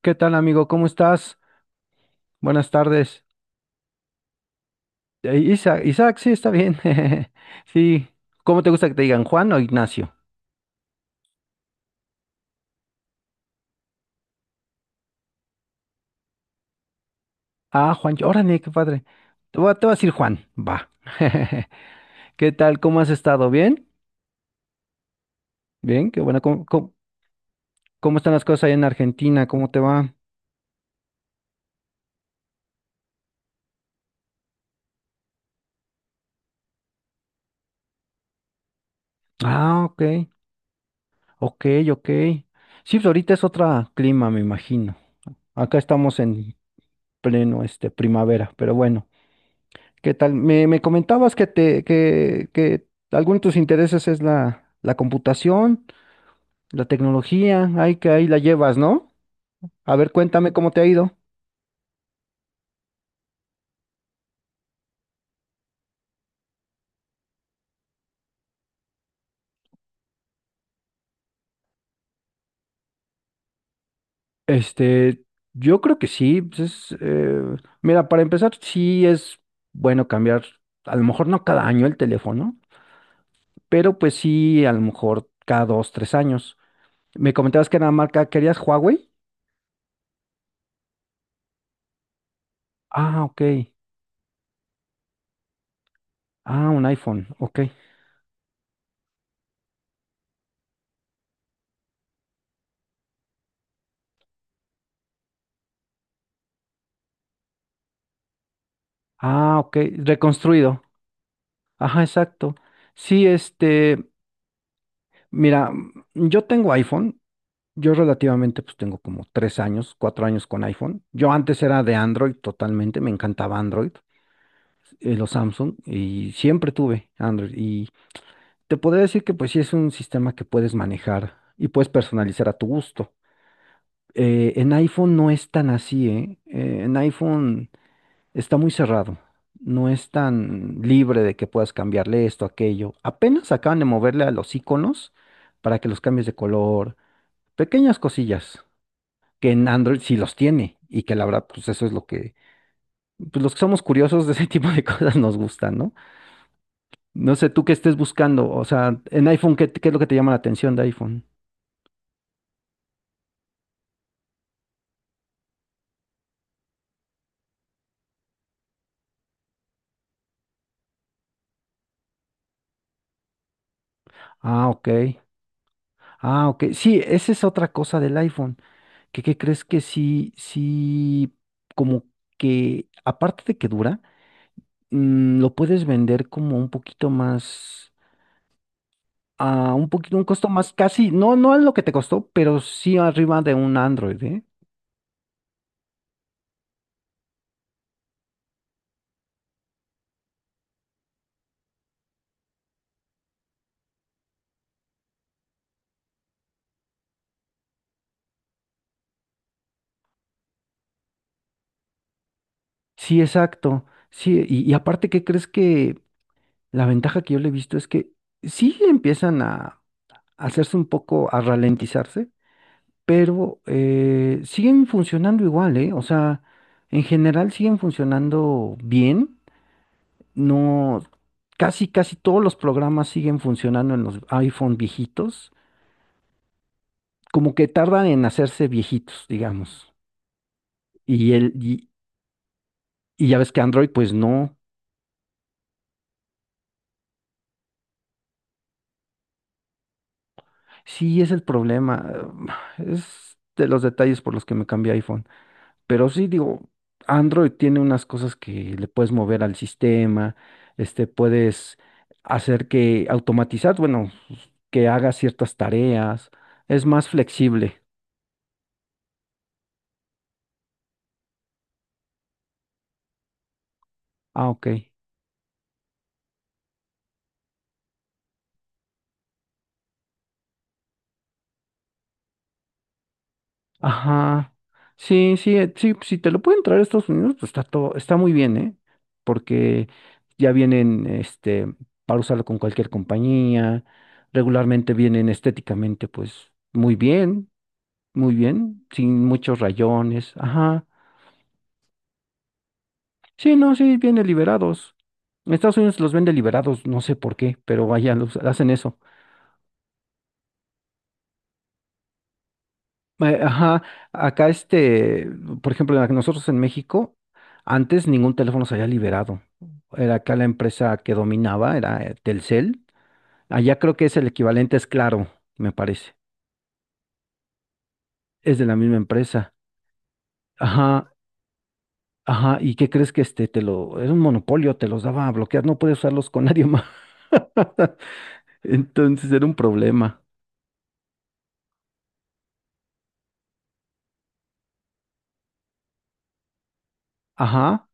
¿Qué tal, amigo? ¿Cómo estás? Buenas tardes. Isaac, sí, está bien. Sí. ¿Cómo te gusta que te digan, Juan o Ignacio? Ah, Juan, órale, qué padre. Te voy a decir Juan, va. ¿Qué tal? ¿Cómo has estado? ¿Bien? Bien, qué bueno. ¿Cómo están las cosas ahí en Argentina? ¿Cómo te va? Ah, ok, ok, ok. Sí, pues ahorita es otro clima, me imagino. Acá estamos en pleno, primavera, pero bueno. ¿Qué tal? Me comentabas que alguno de tus intereses es la computación, la tecnología, ahí que ahí la llevas, ¿no? A ver, cuéntame cómo te ha ido. Este, yo creo que sí. Pues es, mira, para empezar, sí es bueno cambiar, a lo mejor no cada año el teléfono, pero pues sí, a lo mejor cada dos, tres años. Me comentabas que era marca, ¿querías Huawei? Ah, ok. Ah, un iPhone, ok. Ah, ok. Reconstruido. Ajá, exacto. Sí, mira, yo tengo iPhone, yo relativamente pues tengo como tres años, cuatro años con iPhone. Yo antes era de Android totalmente, me encantaba Android, los Samsung, y siempre tuve Android. Y te podría decir que pues sí es un sistema que puedes manejar y puedes personalizar a tu gusto. En iPhone no es tan así, ¿eh? En iPhone... Está muy cerrado. No es tan libre de que puedas cambiarle esto, aquello. Apenas acaban de moverle a los iconos para que los cambies de color. Pequeñas cosillas que en Android sí los tiene y que la verdad, pues eso es pues los que somos curiosos de ese tipo de cosas nos gustan, ¿no? No sé tú qué estés buscando. O sea, en iPhone, ¿qué es lo que te llama la atención de iPhone? Ah, ok. Ah, ok. Sí, esa es otra cosa del iPhone. ¿Qué crees que como que aparte de que dura? Mm, lo puedes vender como un poquito más, a un poquito, un costo más casi, no, no es lo que te costó, pero sí arriba de un Android, ¿eh? Sí, exacto. Sí, y aparte, ¿qué crees que la ventaja que yo le he visto es que sí empiezan a hacerse un poco, a ralentizarse, pero siguen funcionando igual, ¿eh? O sea, en general siguen funcionando bien, no, casi todos los programas siguen funcionando en los iPhone viejitos. Como que tardan en hacerse viejitos, digamos. Y, el, y, y ya ves que Android, pues no. Sí, es el problema. Es de los detalles por los que me cambié a iPhone. Pero sí, digo, Android tiene unas cosas que le puedes mover al sistema, puedes hacer que automatizar, bueno, que haga ciertas tareas. Es más flexible. Ah, ok. Ajá. Sí, sí, sí, si te lo pueden traer a Estados Unidos, pues está todo, está muy bien, ¿eh? Porque ya vienen, para usarlo con cualquier compañía, regularmente vienen estéticamente, pues, muy bien, sin muchos rayones, ajá. Sí, no, sí, vienen liberados. En Estados Unidos los venden liberados, no sé por qué, pero vaya, los hacen eso. Ajá, acá por ejemplo, nosotros en México, antes ningún teléfono se había liberado. Era acá la empresa que dominaba, era Telcel. Allá creo que es el equivalente, es Claro, me parece. Es de la misma empresa. Ajá, ajá. ¿Y qué crees que este te lo, era un monopolio, te los daba a bloquear, no podías usarlos con nadie más. Entonces era un problema. Ajá.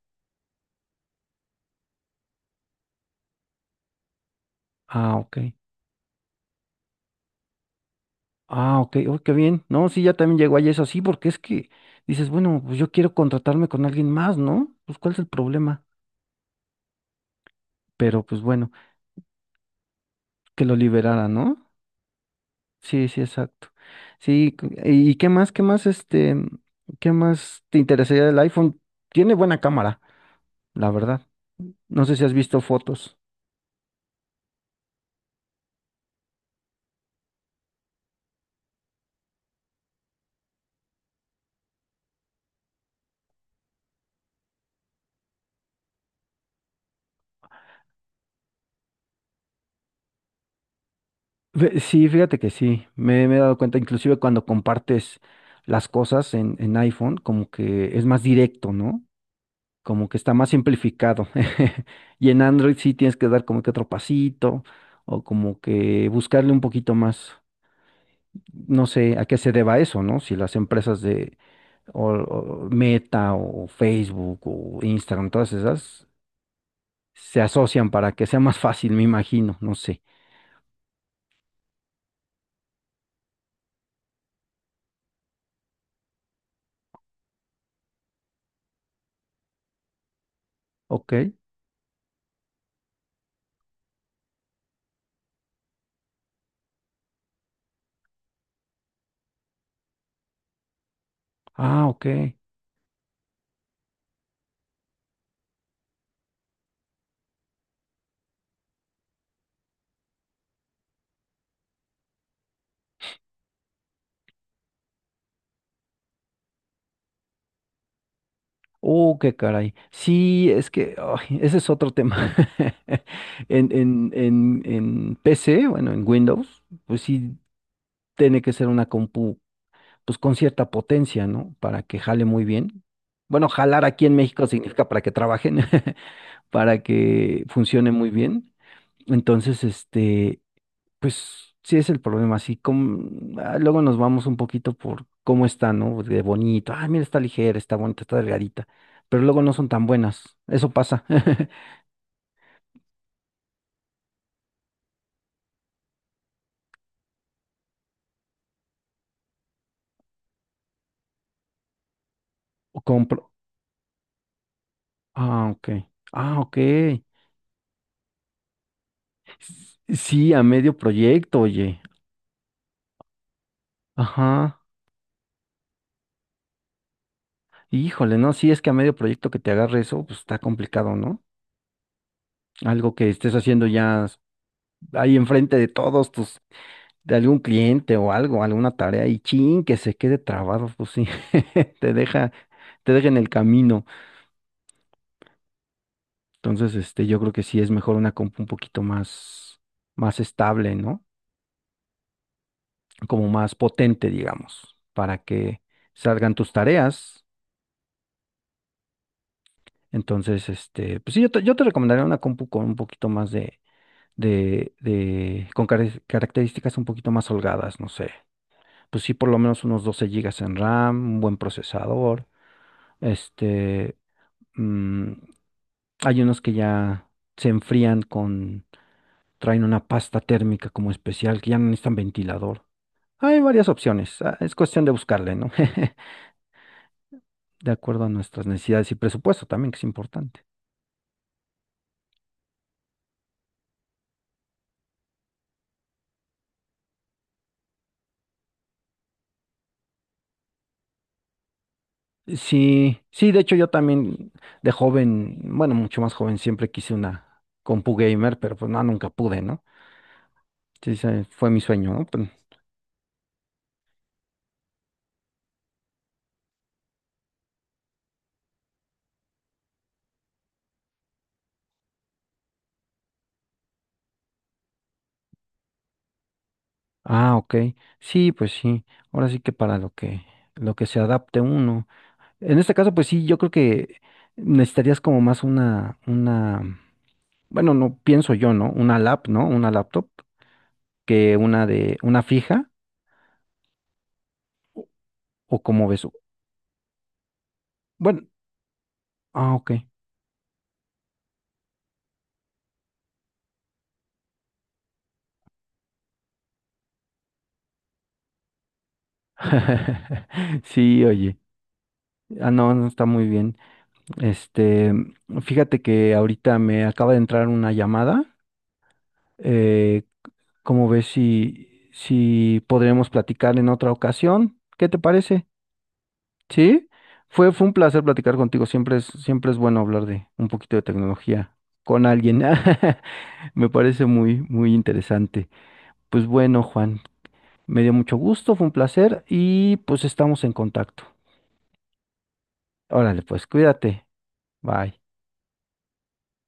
Ah, ok. Ah, ok, oh, qué bien. No, sí, ya también llegó ahí eso así, porque es que dices, bueno, pues yo quiero contratarme con alguien más, ¿no? Pues ¿cuál es el problema? Pero pues bueno, que lo liberara, ¿no? Sí, sí, exacto. Sí, ¿y qué más, qué más te interesaría del iPhone? Tiene buena cámara, la verdad. No sé si has visto fotos. Sí, fíjate que sí, me he dado cuenta, inclusive cuando compartes las cosas en iPhone, como que es más directo, ¿no? Como que está más simplificado. Y en Android sí tienes que dar como que otro pasito o como que buscarle un poquito más. No sé a qué se deba eso, ¿no? Si las empresas de o- o Meta o Facebook o Instagram, todas esas, se asocian para que sea más fácil, me imagino, no sé. Ok. Ah, ok. Oh, qué caray. Sí, es que ay, ese es otro tema. En PC, bueno, en Windows, pues sí, tiene que ser una compu, pues con cierta potencia, ¿no? Para que jale muy bien. Bueno, jalar aquí en México significa para que trabajen, para que funcione muy bien. Entonces, pues sí es el problema, así como, ah, luego nos vamos un poquito por cómo está, ¿no? De bonito, ah, mira, está ligera, está bonita, está delgadita, pero luego no son tan buenas, eso pasa. O compro, ah, ok, ah, ok, sí, a medio proyecto, oye, ajá. Híjole, no, sí es que a medio proyecto que te agarre eso, pues está complicado, ¿no? Algo que estés haciendo ya ahí enfrente de todos tus, de algún cliente o algo, alguna tarea y chin, que se quede trabado, pues sí, te deja, te deja en el camino. Entonces, yo creo que sí es mejor una compu un poquito más estable, ¿no? Como más potente, digamos, para que salgan tus tareas. Entonces, pues sí, yo te recomendaría una compu con un poquito más de características un poquito más holgadas, no sé. Pues sí, por lo menos unos 12 GB de RAM, un buen procesador. Este, mm, hay unos que ya se enfrían con, traen una pasta térmica como especial, que ya no necesitan ventilador. Hay varias opciones, ah, es cuestión de buscarle, ¿no? De acuerdo a nuestras necesidades y presupuesto también, que es importante. Sí, sí, de hecho yo también de joven, bueno, mucho más joven, siempre quise una compu gamer, pero pues no, nunca pude, ¿no? Sí, ese fue mi sueño, ¿no? Pero- ah, ok. Sí, pues sí. Ahora sí que para lo que se adapte uno. En este caso, pues sí, yo creo que necesitarías como más bueno, no pienso yo, ¿no? Una lap, ¿no? Una laptop que una fija, o como ves. Bueno, ah, ok. Sí, oye. Ah, no, no está muy bien. Este, fíjate que ahorita me acaba de entrar una llamada. Eh, ¿Cómo ves si podremos platicar en otra ocasión? ¿Qué te parece? ¿Sí? Fue un placer platicar contigo. Siempre es bueno hablar de un poquito de tecnología con alguien. Me parece muy interesante. Pues bueno, Juan, me dio mucho gusto, fue un placer y pues estamos en contacto. Órale, pues cuídate. Bye.